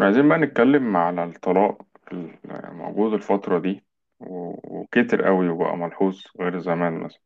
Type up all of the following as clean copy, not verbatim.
عايزين بقى نتكلم على الطلاق الموجود الفترة دي. وكتر قوي وبقى ملحوظ غير زمان مثلا.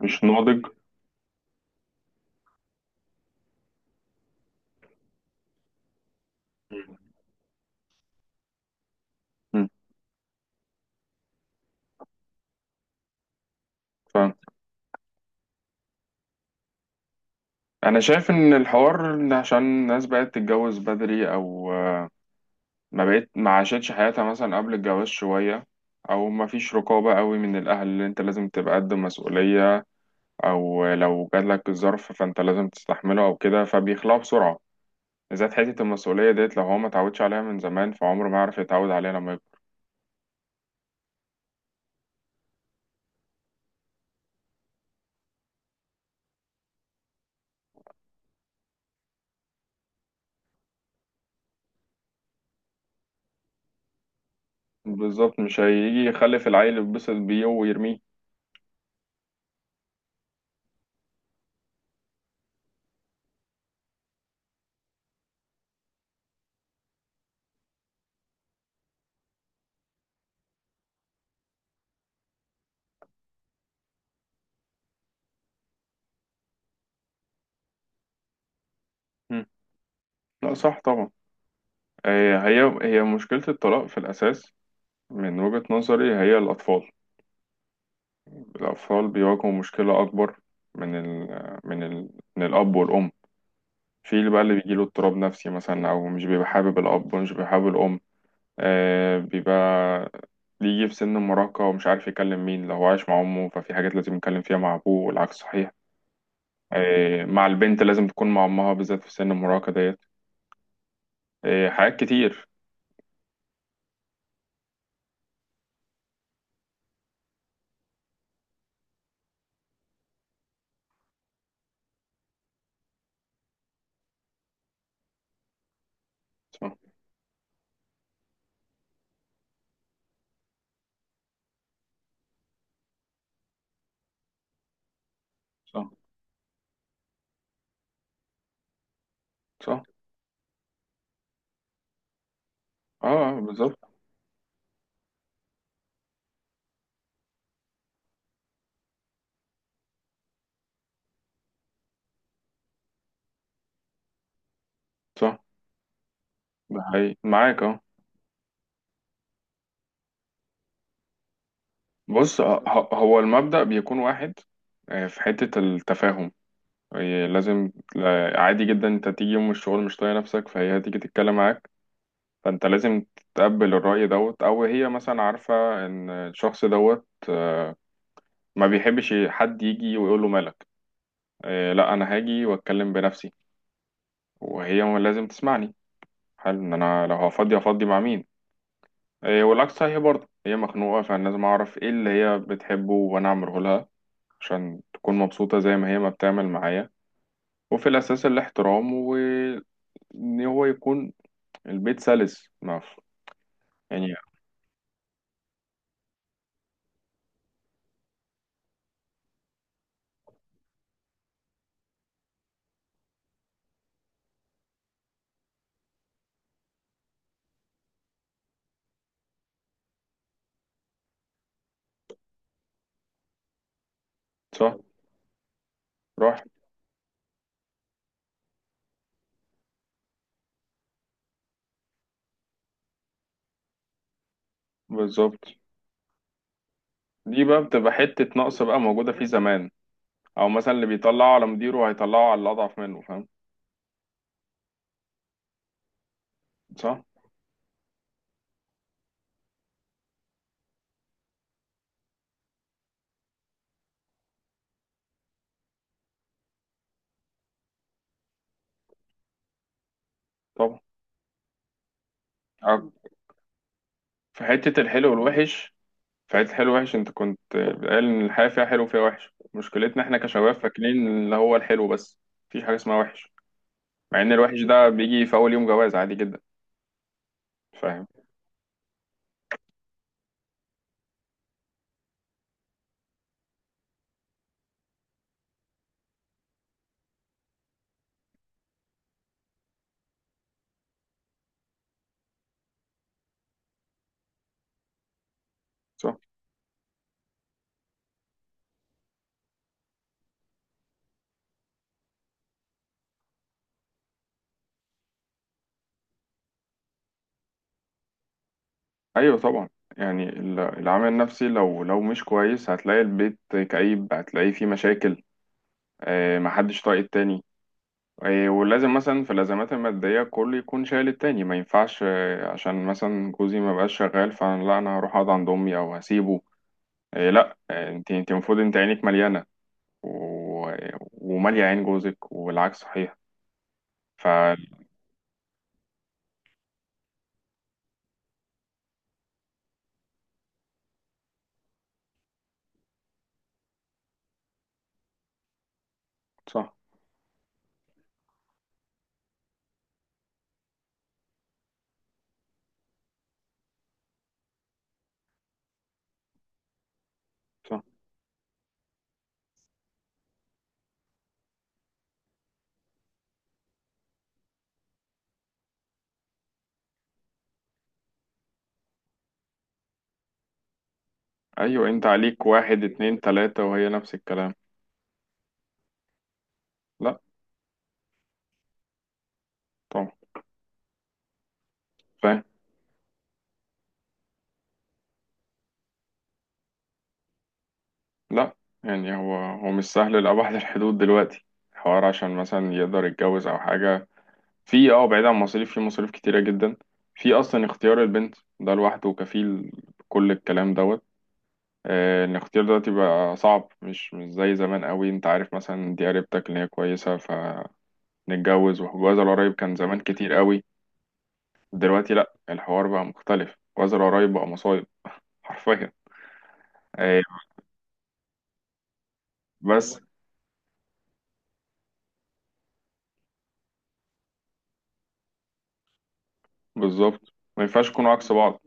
مش ناضج. مم. فأنا شايف إن الحوار إن عشان الناس بقت تتجوز بدري، أو ما عاشتش حياتها مثلا قبل الجواز شوية، أو ما فيش رقابة قوي من الأهل اللي أنت لازم تبقى قد مسؤولية، أو لو جاتلك الظرف فأنت لازم تستحمله أو كده فبيخلعوا بسرعة. إذا حتة المسؤولية ديت لو هو ما اتعودش عليها من زمان فعمره ما يعرف يتعود عليها. لما بالظبط مش هيجي يخلف العيل يتبسط بيه ويرميه. مم. لا، صح طبعا. هي مشكلة الطلاق في الأساس. من وجهة نظري هي الأطفال. الأطفال بيواجهوا مشكلة أكبر من ال من ال من الأب والأم. في اللي بيجيله اضطراب نفسي مثلا، أو مش بيبقى حابب الأب ومش بيبقى حابب الأم. آه بيبقى بيجي في سن المراهقة ومش عارف يكلم مين. لو هو عايش مع أمه ففي حاجات لازم يتكلم فيها مع أبوه، والعكس صحيح. آه، مع البنت لازم تكون مع أمها بالذات في سن المراهقة ديت. إيه، حاجات كتير. صح. صح. صح. اه، آه، بالظبط. صح. ده حقيقي معاك. اه، بص. هو المبدأ بيكون واحد. في حتة التفاهم. هي لازم عادي جدا انت تيجي يوم الشغل مش طايق نفسك فهي هتيجي تتكلم معاك. فانت لازم تتقبل الرأي دوت، او هي مثلا عارفة ان الشخص دوت ما بيحبش حد يجي ويقول له مالك. لا، انا هاجي واتكلم بنفسي. وهي لازم تسمعني. حل ان انا لو هفضي، هفضي مع مين؟ إيه، والعكس صحيح برضه. هي مخنوقة، فأنا لازم أعرف إيه اللي هي بتحبه وأنا أعمله لها عشان تكون مبسوطة زي ما هي ما بتعمل معايا. وفي الأساس الاحترام، وإن هو يكون البيت سلس. ما ف- يعني. صح. راح. بالظبط. دي بقى بتبقى حتة نقص بقى موجودة فيه زمان. أو مثلا اللي بيطلعه على مديره هيطلعه على الأضعف منه، فاهم؟ صح طبعا. أو في حتة الحلو والوحش. في عيلة الحلو وحش، انت كنت قال ان الحياة فيها حلو وفيها وحش. مشكلتنا احنا كشباب فاكرين اللي هو الحلو بس، مفيش حاجة اسمها وحش. مع ان الوحش ده بيجي في اول يوم جواز عادي جدا، فاهم؟ صح. ايوه طبعا. يعني العامل النفسي لو مش كويس هتلاقي البيت كئيب، هتلاقيه فيه مشاكل. اه، محدش طايق التاني. اه، ولازم مثلا في الازمات المادية كله يكون شايل التاني، ما ينفعش عشان مثلا جوزي ما بقاش شغال، فلا انا هروح اقعد عند امي او هسيبه. اه، لا. اه، انت المفروض انت عينيك مليانة و... ومالية عين جوزك، والعكس صحيح. ف صح. صح. أيوة. أنت عليك واحد اتنين تلاتة وهي نفس الكلام. لا. طبعا. فاهم. لا، يعني هو مش سهل لأبعد الحدود دلوقتي. الحوار عشان مثلا يقدر يتجوز أو حاجة. في بعيد عن مصاريف، في مصاريف كتيرة جدا. في أصلا اختيار البنت، ده لوحده كفيل بكل الكلام دوت. الاختيار دلوقتي بقى صعب، مش زي زمان قوي. انت عارف مثلا دي قريبتك اللي هي كويسة، ف نتجوز. والجواز القريب كان زمان كتير قوي. دلوقتي لا، الحوار بقى مختلف. الجواز القريب بقى مصايب حرفيا. آه، بس. بالظبط، ما ينفعش يكونوا عكس بعض.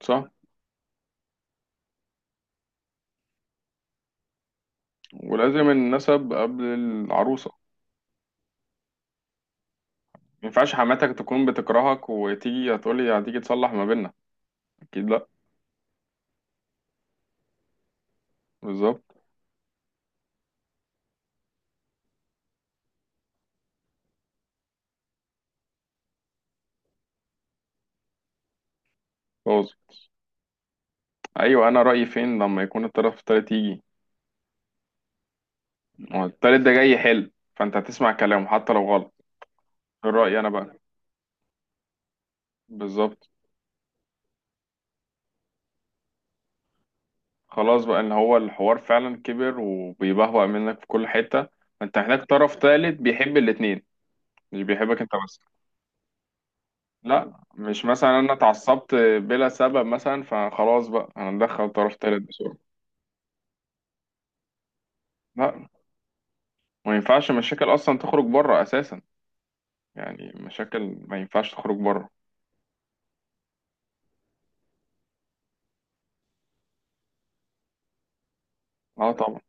صح. ولازم النسب قبل العروسة. ما ينفعش حماتك تكون بتكرهك وتيجي هتقولي هتيجي تصلح ما بيننا، اكيد لا. بالظبط. خلاص. ايوه، انا رأيي فين لما يكون الطرف التالت يجي. ما هو التالت ده جاي يحل، فانت هتسمع كلامه حتى لو غلط. الرأي انا بقى. بالظبط. خلاص بقى ان هو الحوار فعلا كبر وبيبهوأ منك في كل حتة. فانت محتاج طرف ثالث بيحب الاتنين، مش بيحبك انت بس. لا، مش مثلا انا اتعصبت بلا سبب مثلا فخلاص بقى هندخل طرف ثالث بسرعة. لا، ما ينفعش مشاكل اصلا تخرج بره اساسا. يعني مشاكل ما ينفعش تخرج بره. اه طبعا.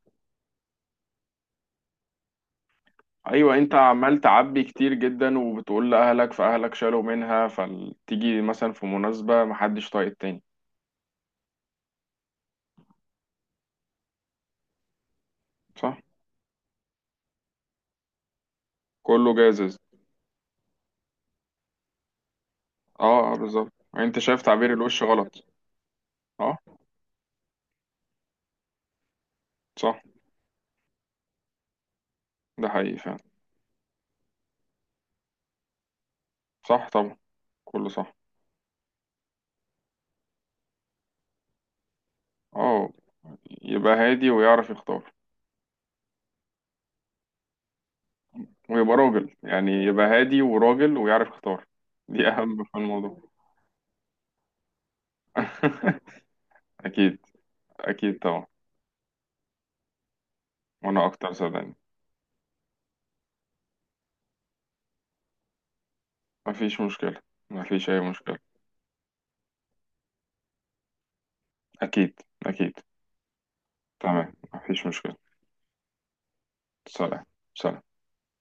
ايوه، انت عمال تعبي كتير جدا وبتقول لاهلك، فاهلك شالوا منها، فتيجي مثلا في مناسبة محدش طايق التاني. صح. كله جاهز. اه، آه، بالظبط. يعني انت شايف تعبير الوش غلط. اه. صح. ده حقيقي فعلا. صح طبعا. كله صح. اه. يبقى هادي ويعرف يختار. ويبقى راجل، يعني يبقى هادي وراجل ويعرف يختار. دي اهم في الموضوع. اكيد. اكيد طبعا. وانا اكتر صدقني. مفيش مشكلة. مفيش اي مشكلة. اكيد. اكيد. تمام، مفيش مشكلة. سلام. سلام.